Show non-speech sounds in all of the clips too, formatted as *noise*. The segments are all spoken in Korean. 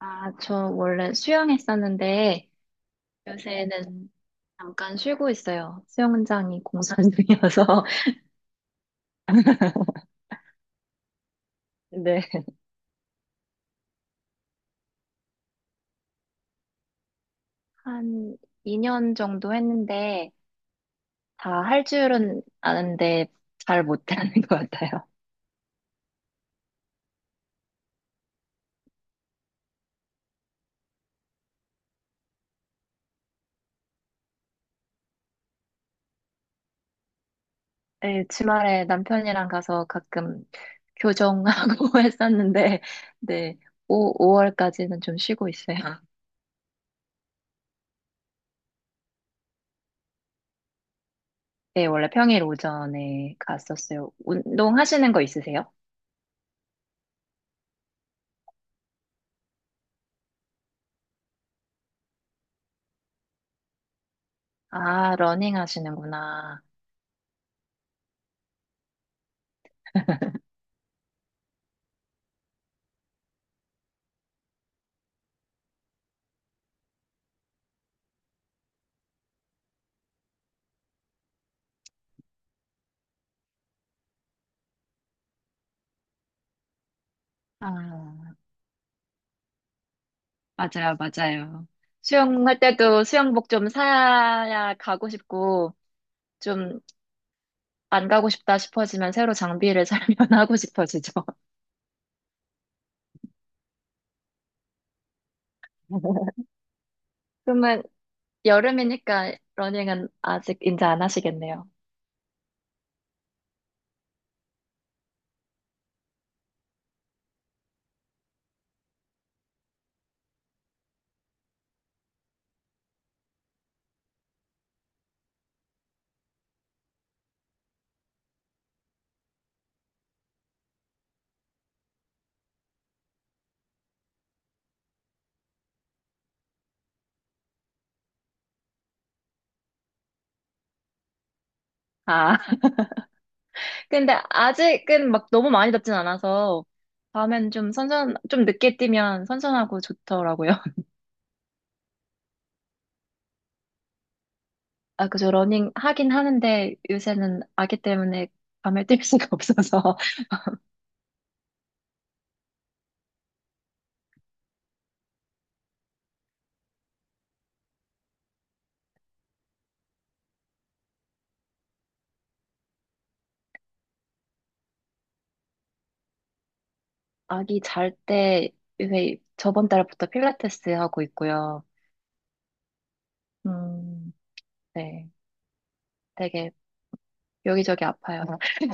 아, 저 원래 수영했었는데 요새는 잠깐 쉬고 있어요. 수영장이 공사 중이어서 *laughs* 네. 한 2년 정도 했는데 다 할 줄은 아는데 잘 못하는 것 같아요. 네, 주말에 남편이랑 가서 가끔 교정하고 *laughs* 했었는데 네, 오 5월까지는 좀 쉬고 있어요. 네, 원래 평일 오전에 갔었어요. 운동하시는 거 있으세요? 아, 러닝 하시는구나. 아, 맞아요, 맞아요. 수영할 때도 수영복 좀 사야 가고 싶고, 좀 안 가고 싶다 싶어지면 새로 장비를 사면 *laughs* 하고 싶어지죠. *laughs* 그러면 여름이니까 러닝은 아직 이제 안 하시겠네요. 아, *laughs* 근데 아직은 막 너무 많이 덥진 않아서, 밤엔 좀 늦게 뛰면 선선하고 좋더라고요. *laughs* 아, 그죠. 러닝 하긴 하는데 요새는 아기 때문에 밤에 뛸 수가 없어서. 아기 잘 때 요새 저번 달부터 필라테스 하고 있고요. 음, 네. 되게 여기저기 아파요. *laughs*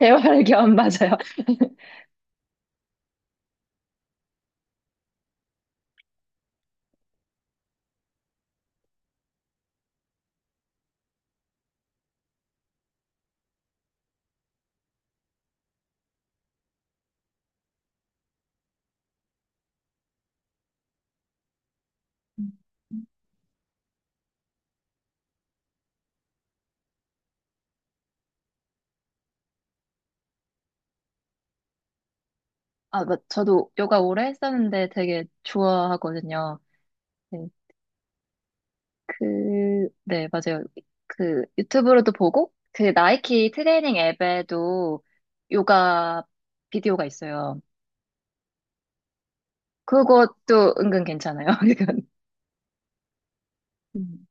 재활견 맞아요. 음, 아, 저도 요가 오래 했었는데 되게 좋아하거든요. 네, 네, 맞아요. 그 유튜브로도 보고 그 나이키 트레이닝 앱에도 요가 비디오가 있어요. 그것도 은근 괜찮아요. *laughs* 이건.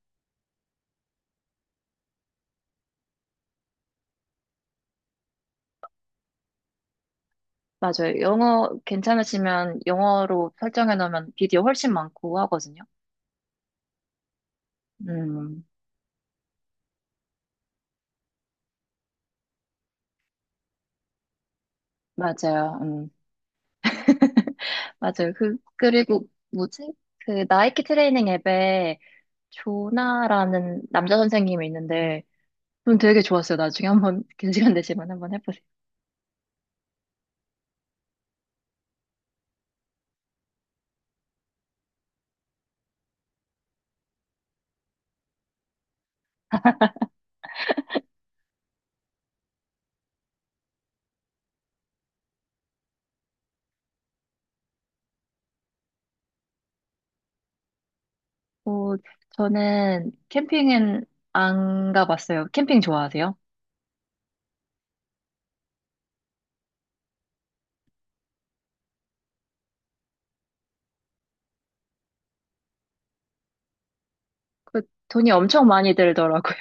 맞아요. 영어 괜찮으시면 영어로 설정해 놓으면 비디오 훨씬 많고 하거든요. 음, 맞아요. 맞아요. 그리고 뭐지? 그 나이키 트레이닝 앱에 조나라는 남자 선생님이 있는데 좀 되게 좋았어요. 나중에 한번 *laughs* 긴 시간 되시면 한번 해보세요. 어, 저는 캠핑은 안 가봤어요. 캠핑 좋아하세요? 그 돈이 엄청 많이 들더라고요.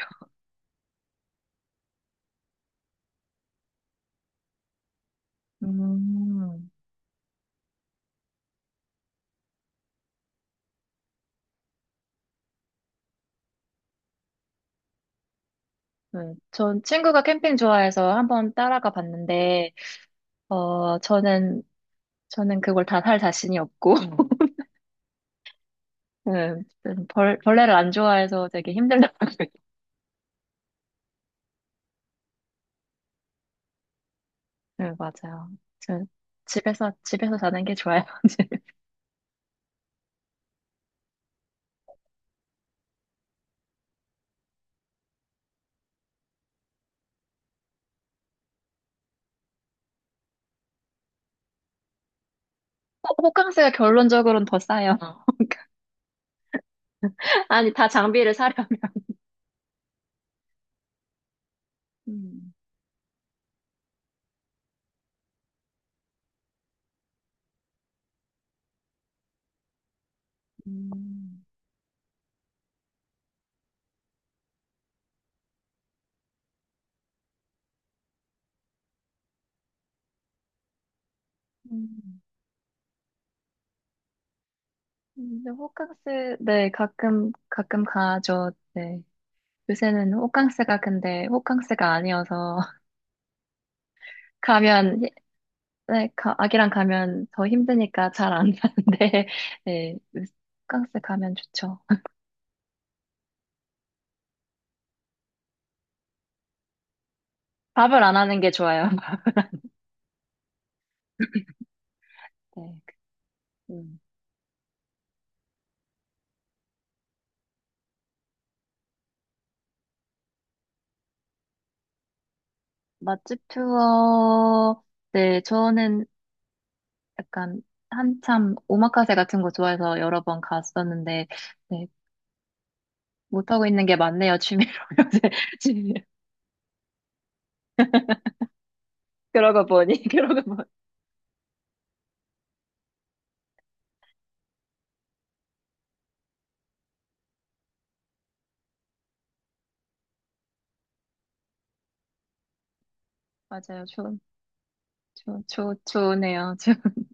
*laughs* 음, 네. 전 친구가 캠핑 좋아해서 한번 따라가 봤는데 어, 저는 그걸 다 살 자신이 없고. *laughs* 음, 벌레를 안 좋아해서 되게 힘들다. 네, 맞아요. 저 집에서 자는 게 좋아요. *laughs* 호캉스가 결론적으로는 더 싸요. *laughs* 아니, 다 장비를 사려면. 음. 음. 음, 근데 호캉스, 네, 가끔, 가끔 가죠. 네. 요새는 호캉스가 근데 호캉스가 아니어서 *laughs* 가면 네, 아기랑 가면 더 힘드니까 잘 안 가는데, *laughs* 네, 호캉스 가면 좋죠. 밥을 안 하는 게 좋아요. *laughs* 네, 그, 음. 맛집 투어, 네, 저는 약간 한참 오마카세 같은 거 좋아해서 여러 번 갔었는데, 네, 못하고 있는 게 많네요, 취미로. *laughs* 요새 취미로. 그러고 보니, *laughs* 그러고 보니. 맞아요, 좋네요. *laughs* 좋.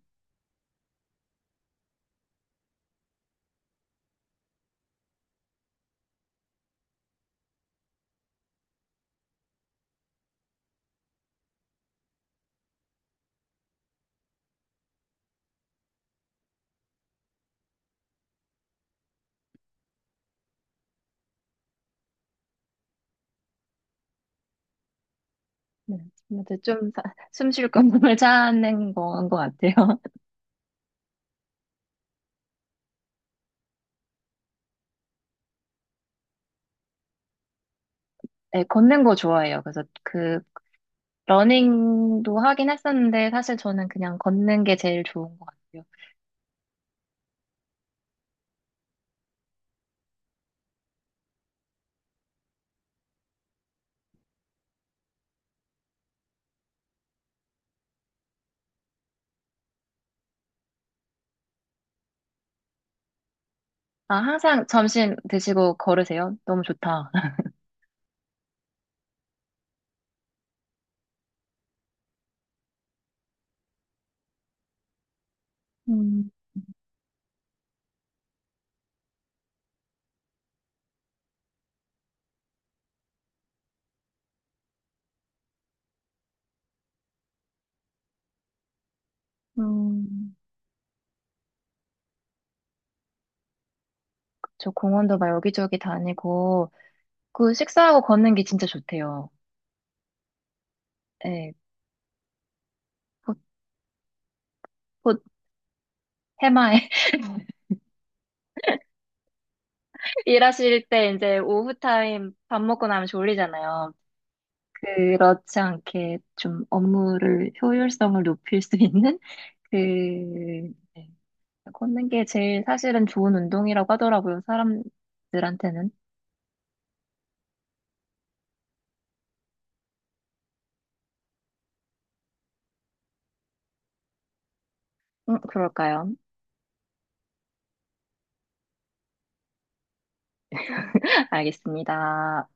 네, 아무튼 좀 숨 쉴 공간을 찾는 건 것 같아요. 네, 걷는 거 좋아해요. 그래서 그 러닝도 하긴 했었는데 사실 저는 그냥 걷는 게 제일 좋은 것 같아요. 아, 항상 점심 드시고 걸으세요? 너무 좋다. *laughs* 음, 음. 저 공원도 막 여기저기 다니고 그 식사하고 걷는 게 진짜 좋대요. 예, 곧, 곧 해마에 *laughs* 일하실 때 이제 오후 타임 밥 먹고 나면 졸리잖아요. 그렇지 않게 좀 업무를 효율성을 높일 수 있는 그 네, 걷는 게 제일 사실은 좋은 운동이라고 하더라고요, 사람들한테는. 그럴까요? *laughs* 알겠습니다.